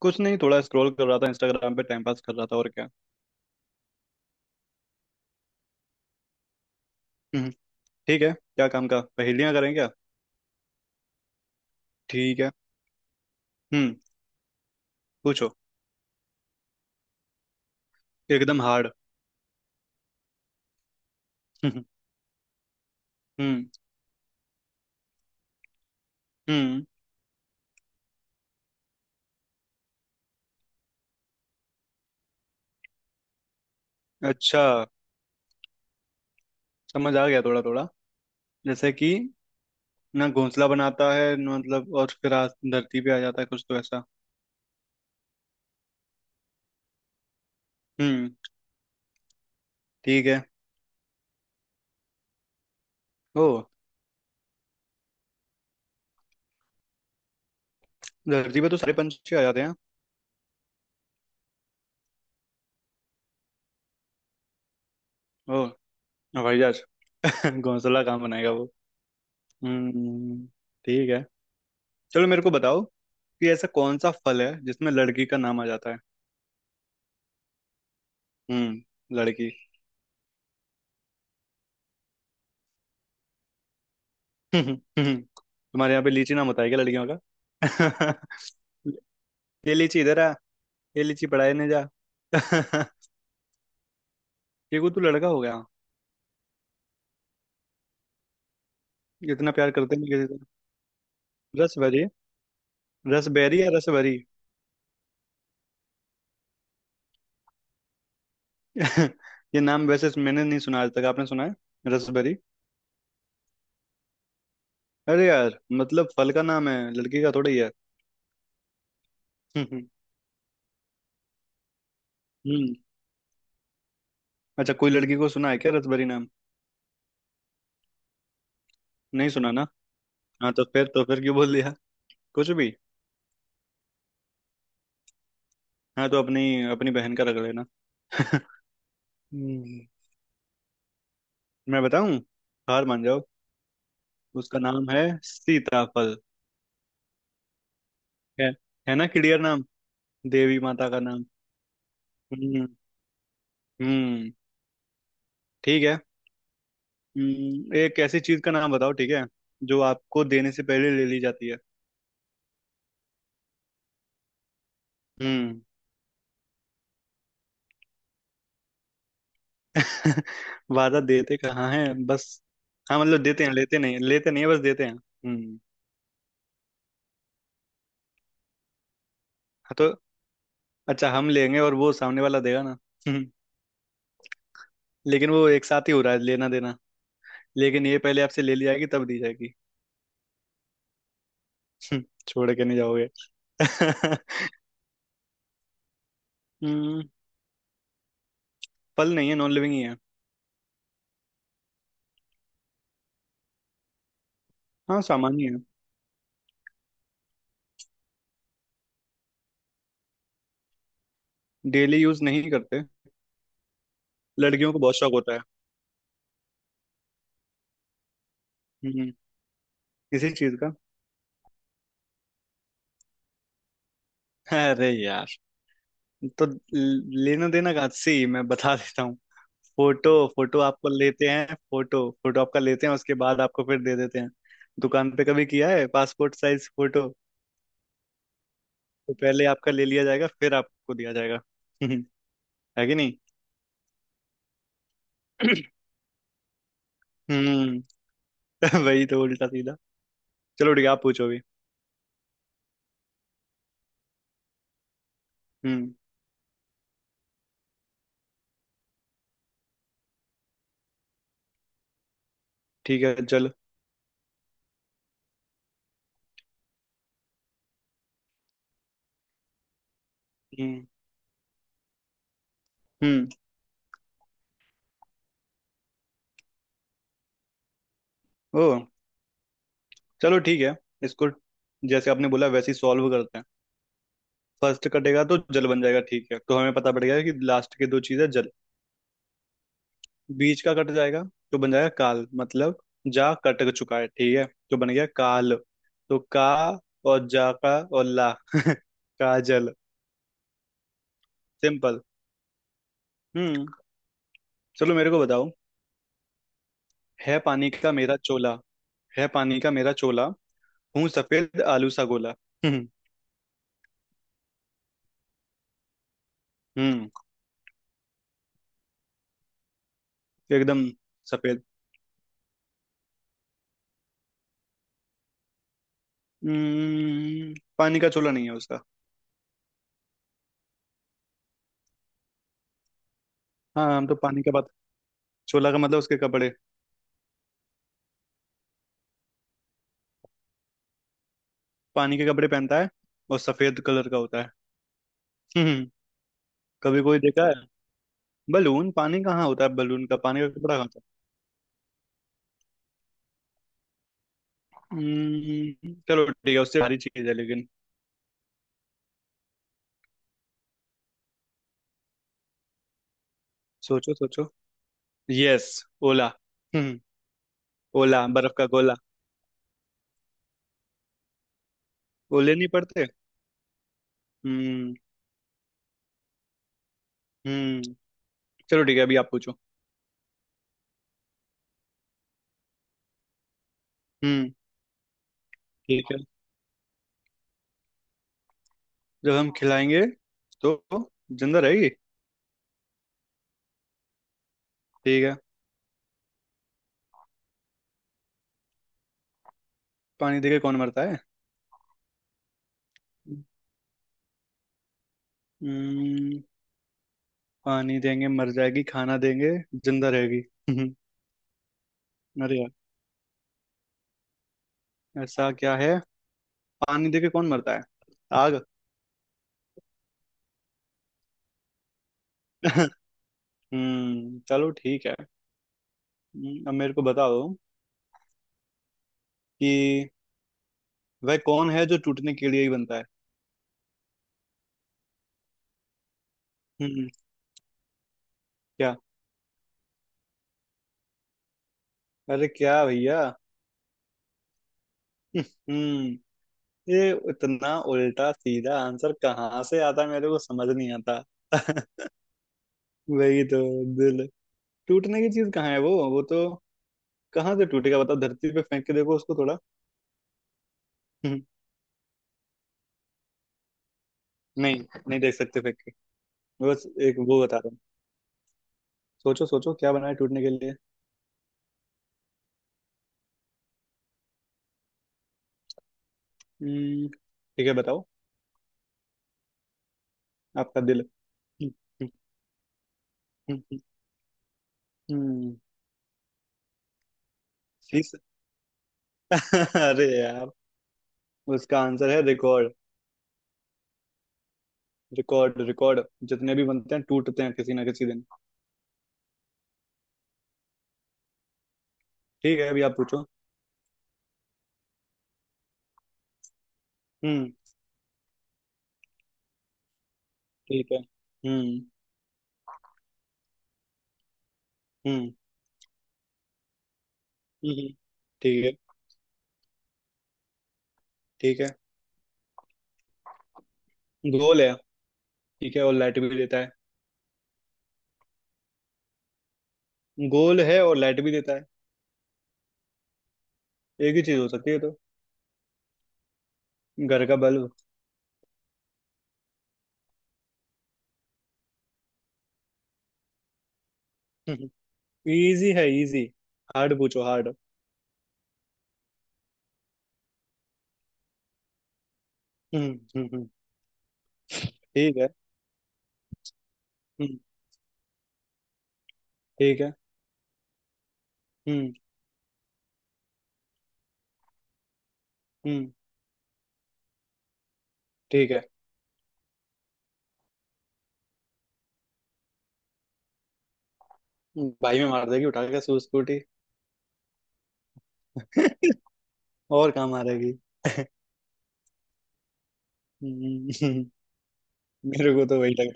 कुछ नहीं, थोड़ा स्क्रॉल कर रहा था। इंस्टाग्राम पे टाइम पास कर रहा था। और क्या। हम्म। ठीक है, क्या काम का, पहेलियां करें क्या? ठीक है। हम्म। पूछो। एकदम हार्ड। हम्म। हम्म। अच्छा, समझ आ गया थोड़ा थोड़ा। जैसे कि ना घोंसला बनाता है, ना मतलब, और फिर धरती पे आ जाता है, कुछ तो ऐसा। हम्म। ठीक है। ओ। धरती पे तो सारे पंछी आ जाते हैं। ओ, हवाई जहाज। घोंसला कहाँ बनाएगा वो। हम्म। ठीक है। चलो, मेरे को बताओ कि ऐसा कौन सा फल है जिसमें लड़की का नाम आ जाता है? हम्म, लड़की। तुम्हारे यहाँ पे लीची नाम होता है क्या लड़कियों का? ये लीची इधर आ, ये लीची पढ़ाई नहीं जा। ये को तू लड़का हो गया। इतना प्यार करते नहीं किसी से। रस भरी। रस बेरी या रस भरी? ये नाम वैसे मैंने नहीं सुना आज तक। आपने सुना है रस भरी? अरे यार, मतलब फल का नाम है, लड़की का थोड़ा ही है। हम्म। अच्छा, कोई लड़की को सुना है क्या रसभरी नाम? नहीं सुना ना। हाँ, तो फिर क्यों बोल दिया कुछ भी? हाँ, तो अपनी अपनी बहन का रख लेना। हम्म, मैं बताऊं। हार मान जाओ। उसका नाम है सीताफल। है। है ना क्लियर नाम, देवी माता का नाम। हम्म। हम्म। ठीक है। एक ऐसी चीज का नाम बताओ, ठीक है, जो आपको देने से पहले ले ली जाती है। हम्म। वादा देते कहाँ है बस। हाँ, मतलब देते हैं, लेते नहीं, लेते नहीं है, बस देते हैं। हम्म। हाँ, तो अच्छा, हम लेंगे और वो सामने वाला देगा ना। हम्म, लेकिन वो एक साथ ही हो रहा है लेना देना। लेकिन ये पहले आपसे ले ली जाएगी तब दी जाएगी। छोड़ के नहीं जाओगे। हम्म। फल नहीं है, नॉन लिविंग ही है। हाँ, सामान्य है। डेली यूज नहीं करते। लड़कियों को बहुत शौक होता है। हम्म। इसी चीज का। अरे यार, तो लेना देना का सी मैं बता देता हूँ। फोटो। फोटो आपको लेते हैं, फोटो फोटो आपका लेते हैं, उसके बाद आपको फिर दे देते हैं। दुकान पे कभी किया है पासपोर्ट साइज फोटो? तो पहले आपका ले लिया जाएगा, फिर आपको दिया जाएगा। हम्म, है कि नहीं? हम्म। वही तो, उल्टा सीधा। चलो ठीक है, आप पूछो भी। हम्म। ठीक है, चलो। हम्म। हम्म। ओ। चलो ठीक है, इसको जैसे आपने बोला वैसे ही सॉल्व करते हैं। फर्स्ट कटेगा तो जल बन जाएगा, ठीक है, तो हमें पता पड़ गया कि लास्ट के दो चीजें जल। बीच का कट जाएगा, तो बन जाएगा काल, मतलब जा कट चुका है, ठीक है, तो बन गया काल। तो का, और जा का और ला। काजल। सिंपल। हम्म। चलो, मेरे को बताओ। है पानी का मेरा चोला, है पानी का मेरा चोला, हूँ सफेद आलू सा गोला। हम्म। हम्म। एकदम सफेद। पानी का चोला नहीं है उसका। हाँ, हम तो पानी का बात। चोला का मतलब उसके कपड़े। पानी के कपड़े पहनता है, और सफेद कलर का होता है। हम्म। कभी कोई देखा है? बलून पानी कहाँ होता है, बलून का पानी का कपड़ा कहाँ होता है? चलो ठीक है, उससे भारी चीज है लेकिन। सोचो सोचो। यस। ओला। हम्म ओला, बर्फ का गोला। ओले नहीं पड़ते। हम्म। हम्म चलो ठीक है, अभी आप पूछो। हम्म। ठीक है। जब हम खिलाएंगे तो जिंदा रहेगी। ठीक है। पानी देके कौन मरता है? हम्म पानी देंगे मर जाएगी, खाना देंगे जिंदा रहेगी। अरे यार, ऐसा क्या है? पानी देके कौन मरता है? आग। चलो ठीक है। अब मेरे को बताओ कि वह कौन है जो टूटने के लिए ही बनता है? हम्म। क्या? अरे क्या भैया। हम्म ये इतना उल्टा सीधा आंसर कहाँ से आता है, मेरे को समझ नहीं आता। वही तो, दिल। टूटने की चीज कहाँ है वो तो कहाँ से टूटेगा? बताओ, धरती पे फेंक के देखो उसको थोड़ा। नहीं। नहीं देख सकते फेंक। बस एक वो बता रहा हूँ, सोचो सोचो, क्या बना है टूटने के लिए? हम्म। ठीक है, बताओ। आपका दिल। हम्म। हम्म। हम्म, शीश। अरे यार, उसका आंसर है रिकॉर्ड। रिकॉर्ड रिकॉर्ड, जितने भी बनते हैं टूटते हैं किसी ना किसी दिन। ठीक है, अभी आप पूछो। हम्म। ठीक है। हम्म। हम्म। हम्म, ठीक है। ठीक है। गोल है। ठीक है, और लाइट भी देता है। गोल है और लाइट भी देता है। एक ही चीज हो सकती है ये तो, घर का बल्ब। इजी है, इजी। हार्ड पूछो। हार्ड। ठीक है। हम्म। ठीक है। हम्म। हम्म। ठीक है। भाई में मार देगी उठा के, सूस स्कूटी। और कहाँ मारेगी? हम्म, मेरे को तो वही लग।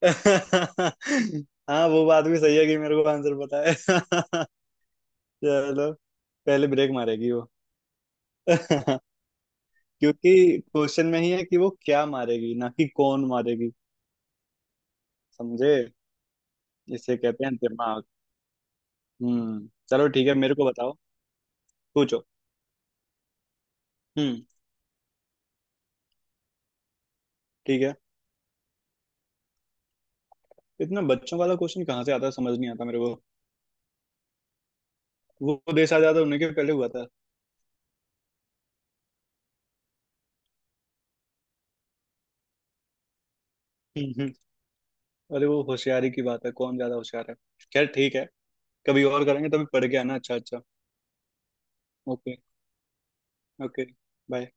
हाँ, वो बात भी सही है कि मेरे को आंसर पता है। चलो। पहले ब्रेक मारेगी वो। क्योंकि क्वेश्चन में ही है कि वो क्या मारेगी, ना कि कौन मारेगी। समझे? इसे कहते हैं दिमाग। चलो ठीक है, मेरे को बताओ। पूछो। हम्म। ठीक है। इतना बच्चों वाला क्वेश्चन कहाँ से आता है, समझ नहीं आता मेरे को। वो देश आजाद होने के पहले हुआ था। हम्म, हम्म। अरे, वो होशियारी की बात है, कौन ज्यादा होशियार है। खैर ठीक है, कभी और करेंगे, तभी पढ़ के आना। अच्छा अच्छा। ओके। ओके। बाय।